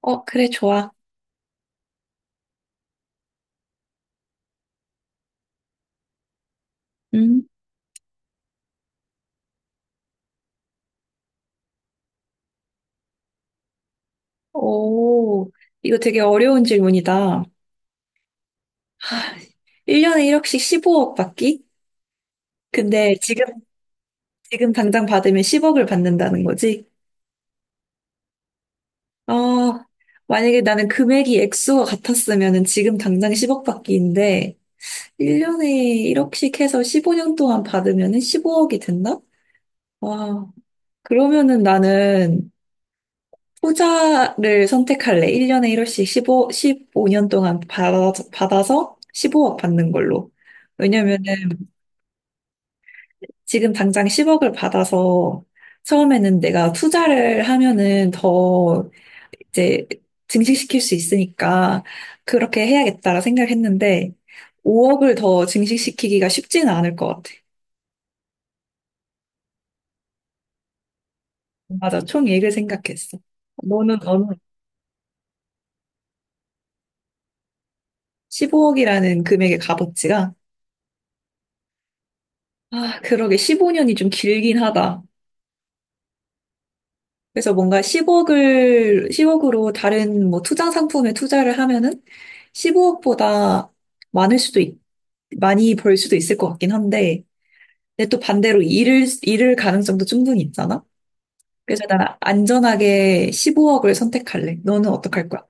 어, 그래, 좋아. 음. 오, 이거 되게 어려운 질문이다. 하, 1년에 1억씩 15억 받기? 근데 지금 당장 받으면 10억을 받는다는 거지? 어, 만약에 나는 금액이 액수가 같았으면 지금 당장 10억 받기인데, 1년에 1억씩 해서 15년 동안 받으면 15억이 된다? 와, 그러면은 나는 후자를 선택할래. 1년에 1억씩 15, 십오 년 동안 받아서 15억 받는 걸로. 왜냐면은 지금 당장 10억을 받아서 처음에는 내가 투자를 하면은 더 이제 증식시킬 수 있으니까 그렇게 해야겠다라 생각했는데 5억을 더 증식시키기가 쉽지는 않을 것 같아. 맞아. 총액을 생각했어. 너는 어느 15억이라는 금액의 값어치가 아, 그러게 15년이 좀 길긴 하다. 그래서 뭔가 10억으로 다른 뭐 투자 상품에 투자를 하면은 15억보다 많을 수도 있, 많이 벌 수도 있을 것 같긴 한데, 근데 또 반대로 잃을 가능성도 충분히 있잖아? 그래서 나는 안전하게 15억을 선택할래. 너는 어떡할 거야?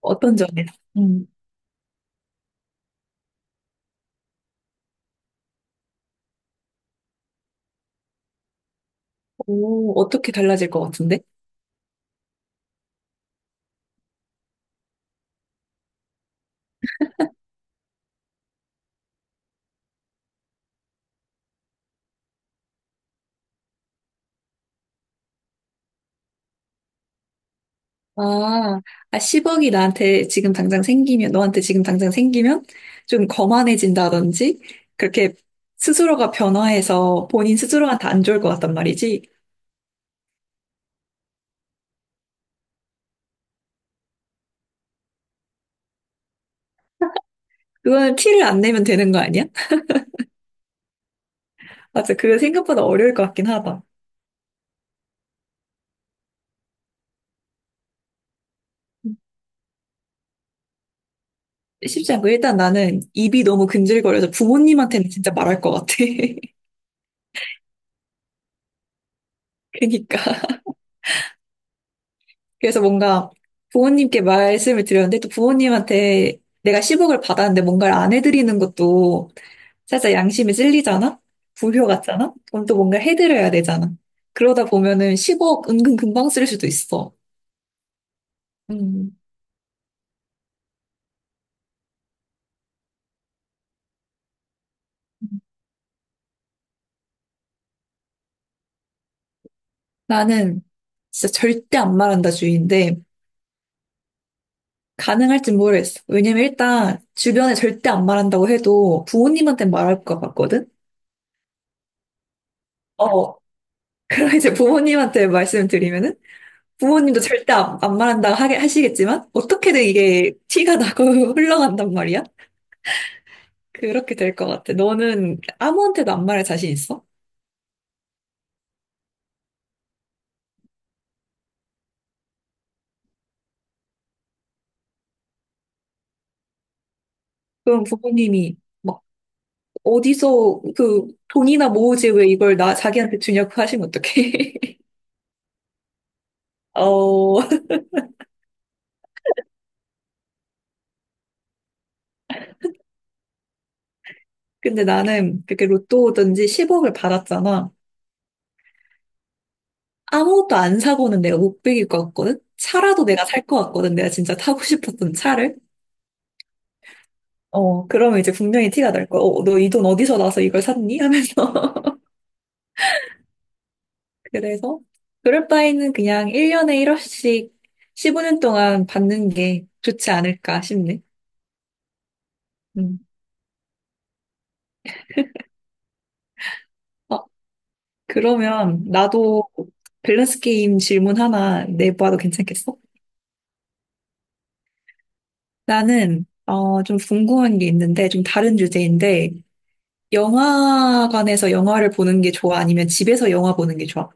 어떤 점에서? 음. 오, 어떻게 달라질 것 같은데? 아, 아, 10억이 나한테 지금 당장 생기면, 너한테 지금 당장 생기면 좀 거만해진다든지, 그렇게 스스로가 변화해서 본인 스스로한테 안 좋을 것 같단 말이지. 그거는 티를 안 내면 되는 거 아니야? 맞아. 그거 생각보다 어려울 것 같긴 하다. 쉽지 않고, 일단 나는 입이 너무 근질거려서 부모님한테는 진짜 말할 것 같아. 그니까. 그래서 뭔가 부모님께 말씀을 드렸는데 또 부모님한테 내가 10억을 받았는데 뭔가를 안 해드리는 것도 살짝 양심이 찔리잖아? 불효 같잖아? 그럼 또 뭔가 해드려야 되잖아. 그러다 보면은 10억 은근 금방 쓸 수도 있어. 음, 나는 진짜 절대 안 말한다 주의인데 가능할진 모르겠어. 왜냐면 일단 주변에 절대 안 말한다고 해도 부모님한테 말할 것 같거든? 어. 그럼 이제 부모님한테 말씀을 드리면은 부모님도 절대 안 말한다고 하게 하시겠지만 어떻게든 이게 티가 나고 흘러간단 말이야. 그렇게 될 것 같아. 너는 아무한테도 안 말할 자신 있어? 그럼 부모님이 막 어디서 그 돈이나 모으지 왜 이걸 나 자기한테 주냐고 하시면 어떡해? 어 근데 나는 그렇게 로또든지 10억을 받았잖아. 아무것도 안 사고는 내가 못 빌릴 것 같거든. 차라도 내가 살 것 같거든. 내가 진짜 타고 싶었던 차를. 어, 그러면 이제 분명히 티가 날 거야. 어, 너 이 돈 어디서 나서 이걸 샀니? 하면서. 그래서, 그럴 바에는 그냥 1년에 1억씩 15년 동안 받는 게 좋지 않을까 싶네. 음. 어, 그러면 나도 밸런스 게임 질문 하나 내봐도 괜찮겠어? 나는, 좀 궁금한 게 있는데, 좀 다른 주제인데, 영화관에서 영화를 보는 게 좋아? 아니면 집에서 영화 보는 게 좋아?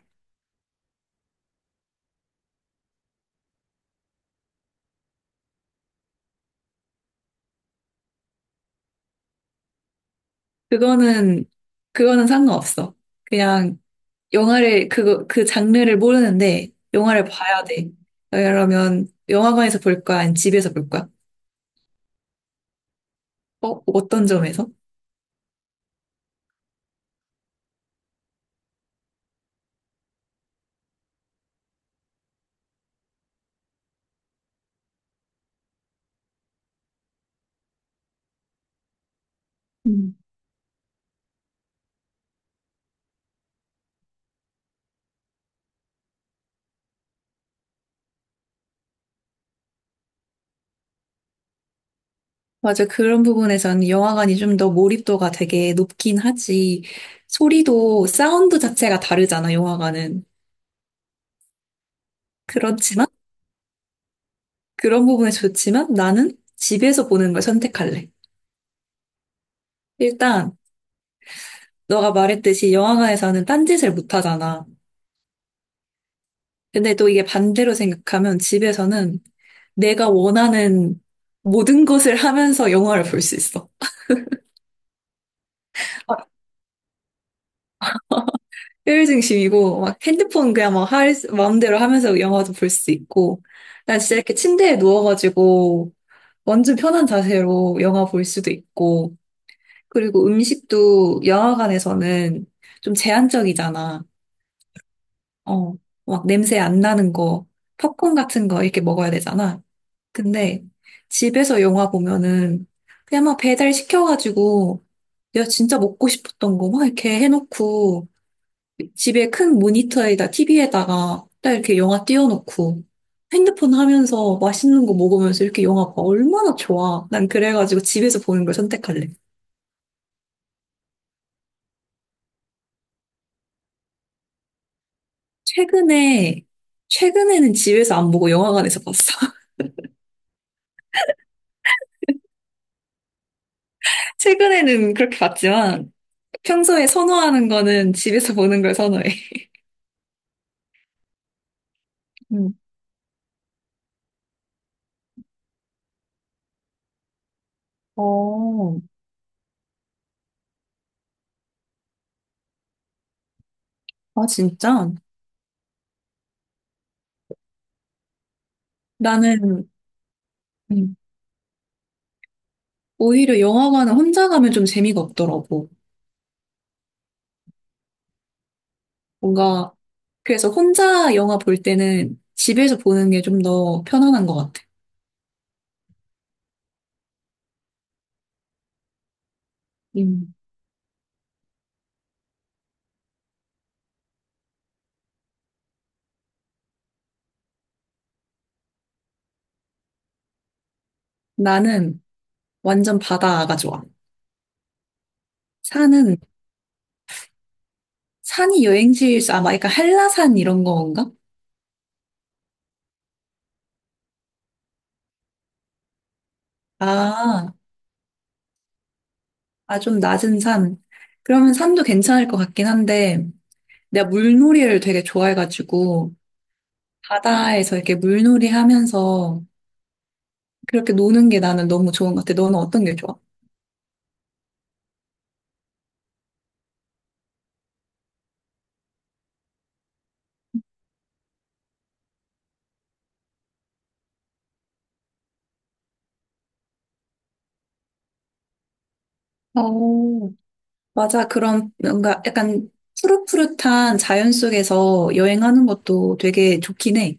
그거는, 그거는 상관없어. 그냥 영화를 그거 그 장르를 모르는데 영화를 봐야 돼. 그러면 영화관에서 볼 거야? 아니면 집에서 볼 거야? 어? 어떤 점에서? 음. 맞아. 그런 부분에서는 영화관이 좀 더 몰입도가 되게 높긴 하지. 소리도 사운드 자체가 다르잖아, 영화관은. 그렇지만 그런 부분에 좋지만 나는 집에서 보는 걸 선택할래. 일단 너가 말했듯이 영화관에서는 딴짓을 못 하잖아. 근데 또 이게 반대로 생각하면 집에서는 내가 원하는 모든 것을 하면서 영화를 볼 수 있어. 막 효율중심이고, 막 핸드폰 그냥 막 마음대로 하면서 영화도 볼 수 있고, 난 진짜 이렇게 침대에 누워가지고 완전 편한 자세로 영화 볼 수도 있고, 그리고 음식도 영화관에서는 좀 제한적이잖아. 어, 막 냄새 안 나는 거, 팝콘 같은 거 이렇게 먹어야 되잖아. 근데 집에서 영화 보면은 그냥 막 배달 시켜가지고 내가 진짜 먹고 싶었던 거 막 이렇게 해놓고 집에 큰 모니터에다 TV에다가 딱 이렇게 영화 띄워놓고 핸드폰 하면서 맛있는 거 먹으면서 이렇게 영화 봐. 얼마나 좋아. 난 그래가지고 집에서 보는 걸 선택할래. 최근에, 최근에는 집에서 안 보고 영화관에서 봤어. 최근에는 그렇게 봤지만 평소에 선호하는 거는 집에서 보는 걸 선호해. 음. 어, 아, 진짜? 나는, 음. 오히려 영화관은 혼자 가면 좀 재미가 없더라고. 뭔가, 그래서 혼자 영화 볼 때는 집에서 보는 게 좀 더 편안한 것 같아. 음. 나는 완전 바다가 좋아. 산은, 산이 여행지에서 아마 약간 한라산 이런 건가? 아, 아, 좀 낮은 산. 그러면 산도 괜찮을 것 같긴 한데, 내가 물놀이를 되게 좋아해가지고, 바다에서 이렇게 물놀이 하면서 그렇게 노는 게 나는 너무 좋은 것 같아. 너는 어떤 게 좋아? 어, 맞아. 그런 뭔가 약간 푸릇푸릇한 자연 속에서 여행하는 것도 되게 좋긴 해.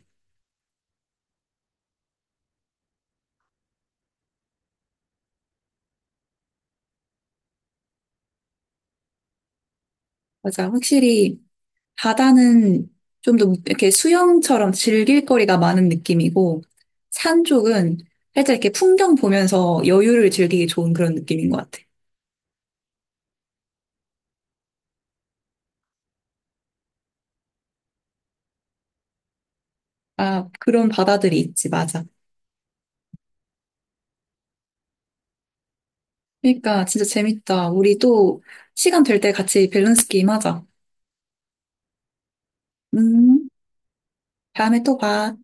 맞아. 확실히 바다는 좀 더 이렇게 수영처럼 즐길 거리가 많은 느낌이고 산 쪽은 살짝 이렇게 풍경 보면서 여유를 즐기기 좋은 그런 느낌인 것 같아. 아, 그런 바다들이 있지. 맞아. 그러니까 진짜 재밌다. 우리도 시간 될 때 같이 밸런스 게임 하자. 음, 다음에 또 봐.